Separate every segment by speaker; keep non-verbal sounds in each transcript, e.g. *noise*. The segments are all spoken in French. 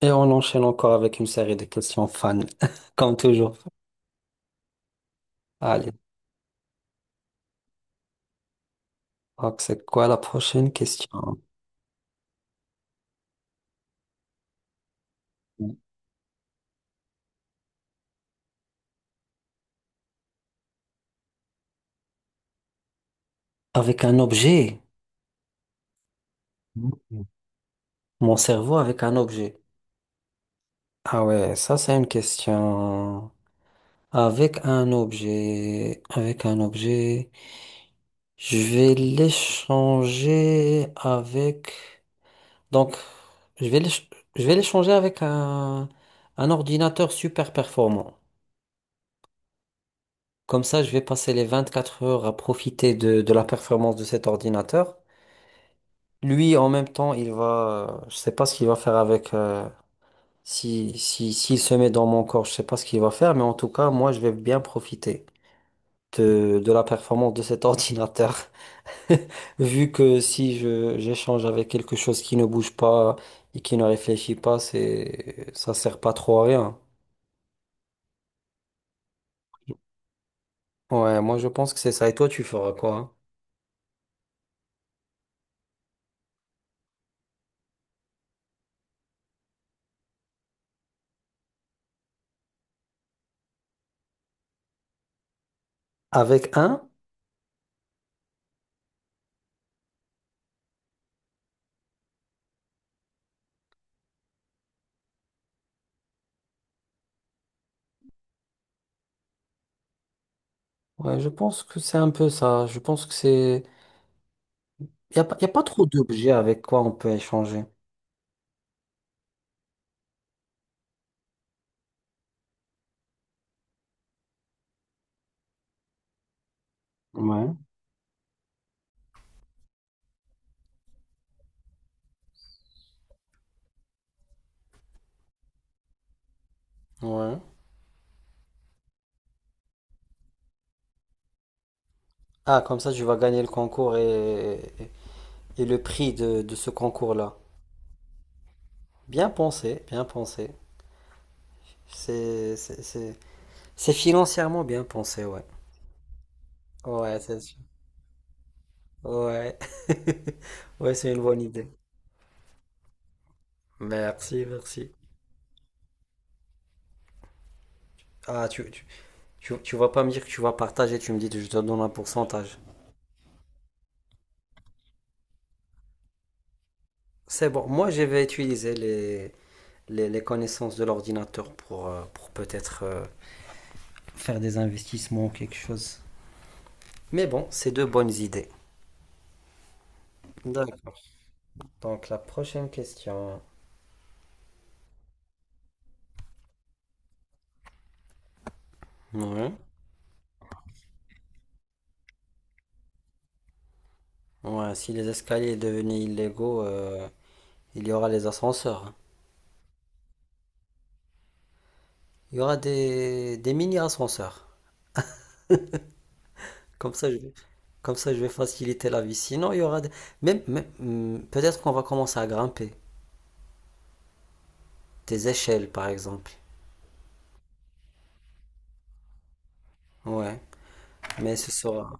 Speaker 1: Et on enchaîne encore avec une série de questions fans, *laughs* comme toujours. Allez, donc c'est quoi la prochaine question? Avec un objet. Mhm. Mon cerveau avec un objet. Ah ouais, ça c'est une question. Avec un objet. Avec un objet. Je vais l'échanger avec... Donc, je vais l'éch- je vais l'échanger avec un ordinateur super performant. Comme ça, je vais passer les 24 heures à profiter de la performance de cet ordinateur. Lui, en même temps, il va, je sais pas ce qu'il va faire avec, si, si, s'il se met dans mon corps, je sais pas ce qu'il va faire, mais en tout cas, moi, je vais bien profiter de la performance de cet *laughs* ordinateur. *laughs* Vu que si j'échange avec quelque chose qui ne bouge pas et qui ne réfléchit pas, ça sert pas trop à rien. Ouais, moi, je pense que c'est ça. Et toi, tu feras quoi, hein? Avec un? Ouais, je pense que c'est un peu ça. Je pense que c'est... Il n'y a, pas- y a pas trop d'objets avec quoi on peut échanger. Ouais. Ouais. Ah, comme ça, tu vas gagner le concours et le prix de ce concours-là. Bien pensé, bien pensé. C'est c'est- c'est- c'est financièrement bien pensé, ouais. Ouais, c'est sûr. Ouais. *laughs* Ouais, c'est une bonne idée. Merci, merci. Ah, tu vas pas me dire que tu vas partager, tu me dis que je te donne un pourcentage. C'est bon, moi je vais utiliser les connaissances de l'ordinateur pour peut-être faire des investissements ou quelque chose. Mais bon, c'est deux bonnes idées. D'accord. Donc la prochaine question. Ouais. Ouais, si les escaliers devenaient illégaux, il y aura les ascenseurs, hein. Il y aura des mini-ascenseurs. Comme ça, je vais, comme ça, je vais faciliter la vie. Sinon, il y aura des... peut-être qu'on va commencer à grimper. Des échelles, par exemple. Ouais. Mais ce sera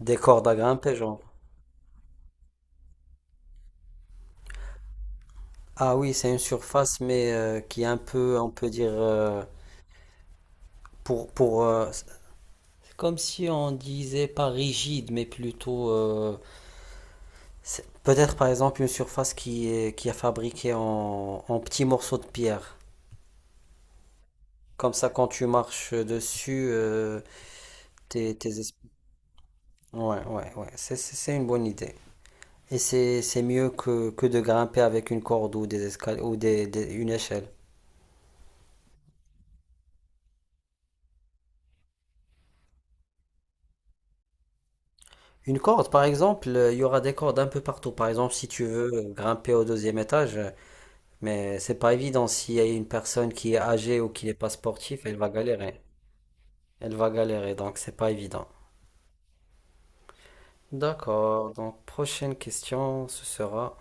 Speaker 1: des cordes à grimper, genre. Ah oui, c'est une surface, mais qui est un peu, on peut dire, pour, pour, euh, c'est comme si on disait pas rigide, mais plutôt, peut-être par exemple une surface qui est fabriquée en, en petits morceaux de pierre. Comme ça, quand tu marches dessus, tes, tes es- ouais, ouais, ouais, c'est, c'est une bonne idée. Et c'est mieux que de grimper avec une corde ou des escal- ou des- une échelle. Une corde, par exemple, il y aura des cordes un peu partout. Par exemple, si tu veux grimper au 2e étage, mais c'est pas évident s'il y a une personne qui est âgée ou qui n'est pas sportive, elle va galérer. Elle va galérer, donc c'est pas évident. D'accord, donc prochaine question, ce sera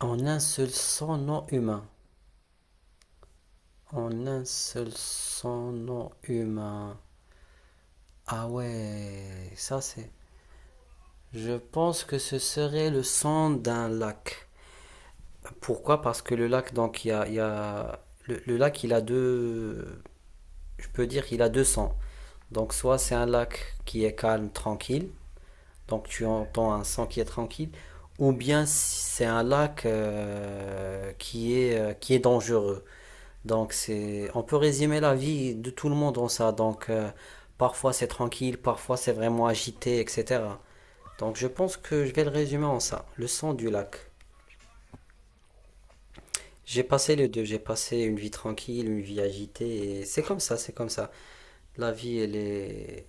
Speaker 1: en un seul son non humain. En un seul son non humain. Ah ouais, ça c'est. Je pense que ce serait le son d'un lac. Pourquoi? Parce que le lac, donc, le lac, il a deux, je peux dire, il a deux sons. Donc, soit c'est un lac qui est calme, tranquille, donc tu entends un son qui est tranquille, ou bien c'est un lac qui est dangereux. Donc, c'est, on peut résumer la vie de tout le monde en ça. Donc, parfois c'est tranquille, parfois c'est vraiment agité, etc. Donc, je pense que je vais le résumer en ça, le son du lac. J'ai passé les deux, j'ai passé une vie tranquille, une vie agitée, et c'est comme ça, c'est comme ça. La vie,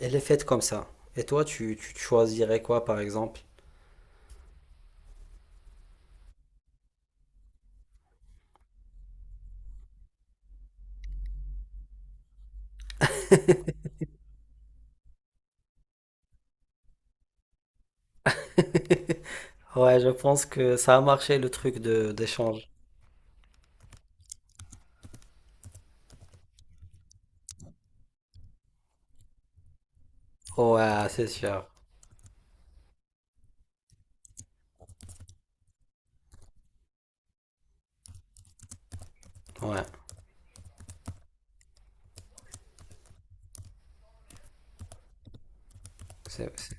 Speaker 1: elle est faite comme ça. Et toi, tu choisirais quoi, par exemple? *laughs* Ouais, je pense que ça a marché le truc de d'échange. Ouais, c'est sûr. Ouais, c'est, c'est-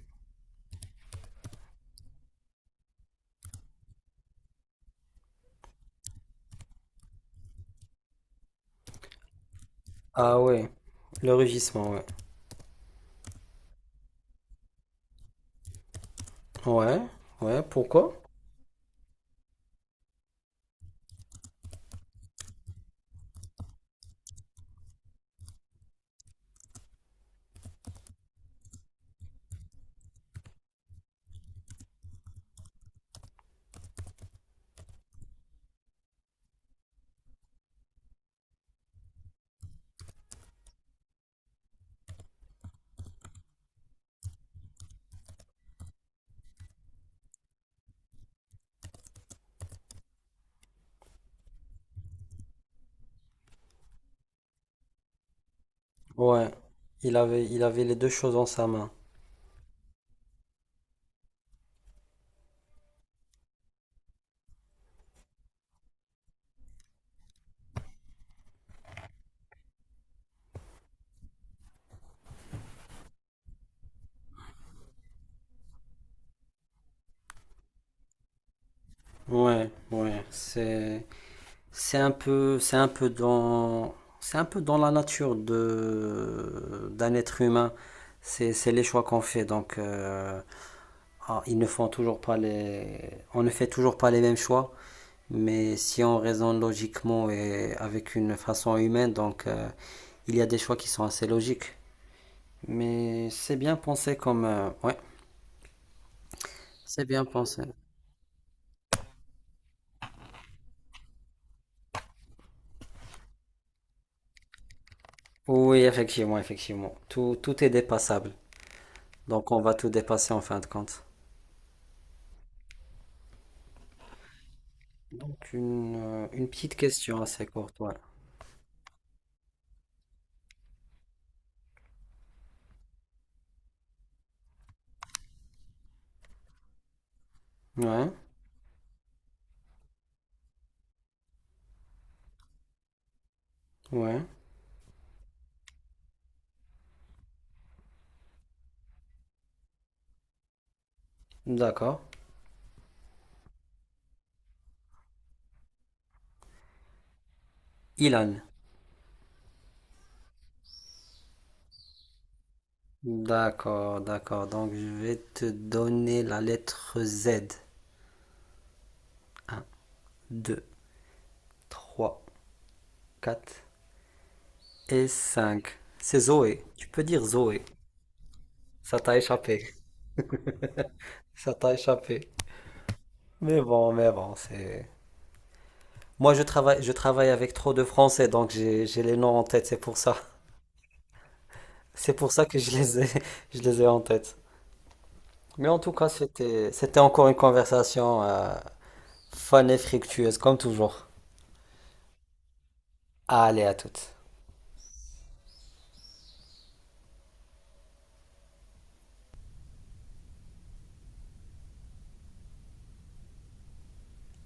Speaker 1: ah ouais, le rugissement, ouais. Ouais, ouais, pourquoi? Ouais, il avait les deux choses en sa main. Ouais, ouais, c'est... C'est un peu, c'est un peu dans la nature de, d'un être humain. C'est les choix qu'on fait. Donc, ah, ils ne font toujours pas on ne fait toujours pas les mêmes choix. Mais si on raisonne logiquement et avec une façon humaine, donc il y a des choix qui sont assez logiques. Mais c'est bien pensé comme, ouais, c'est bien pensé. Oui, effectivement, effectivement. Tout, tout est dépassable. Donc on va tout dépasser en fin de compte. Donc une petite question assez courte, ouais. Ouais, ouais, d'accord. Ilan. D'accord, d'accord. Donc je vais te donner la lettre Z. Un, deux, trois, quatre et cinq. C'est Zoé. Tu peux dire Zoé. Ça t'a échappé. Ça t'a échappé. Mais bon, c'est... Moi je travaille avec trop de Français, donc j'ai les noms en tête, c'est pour ça. C'est pour ça que je les ai, *laughs* je les ai en tête. Mais en tout cas, c'était encore une conversation fun et fructueuse, comme toujours. Allez, à toutes.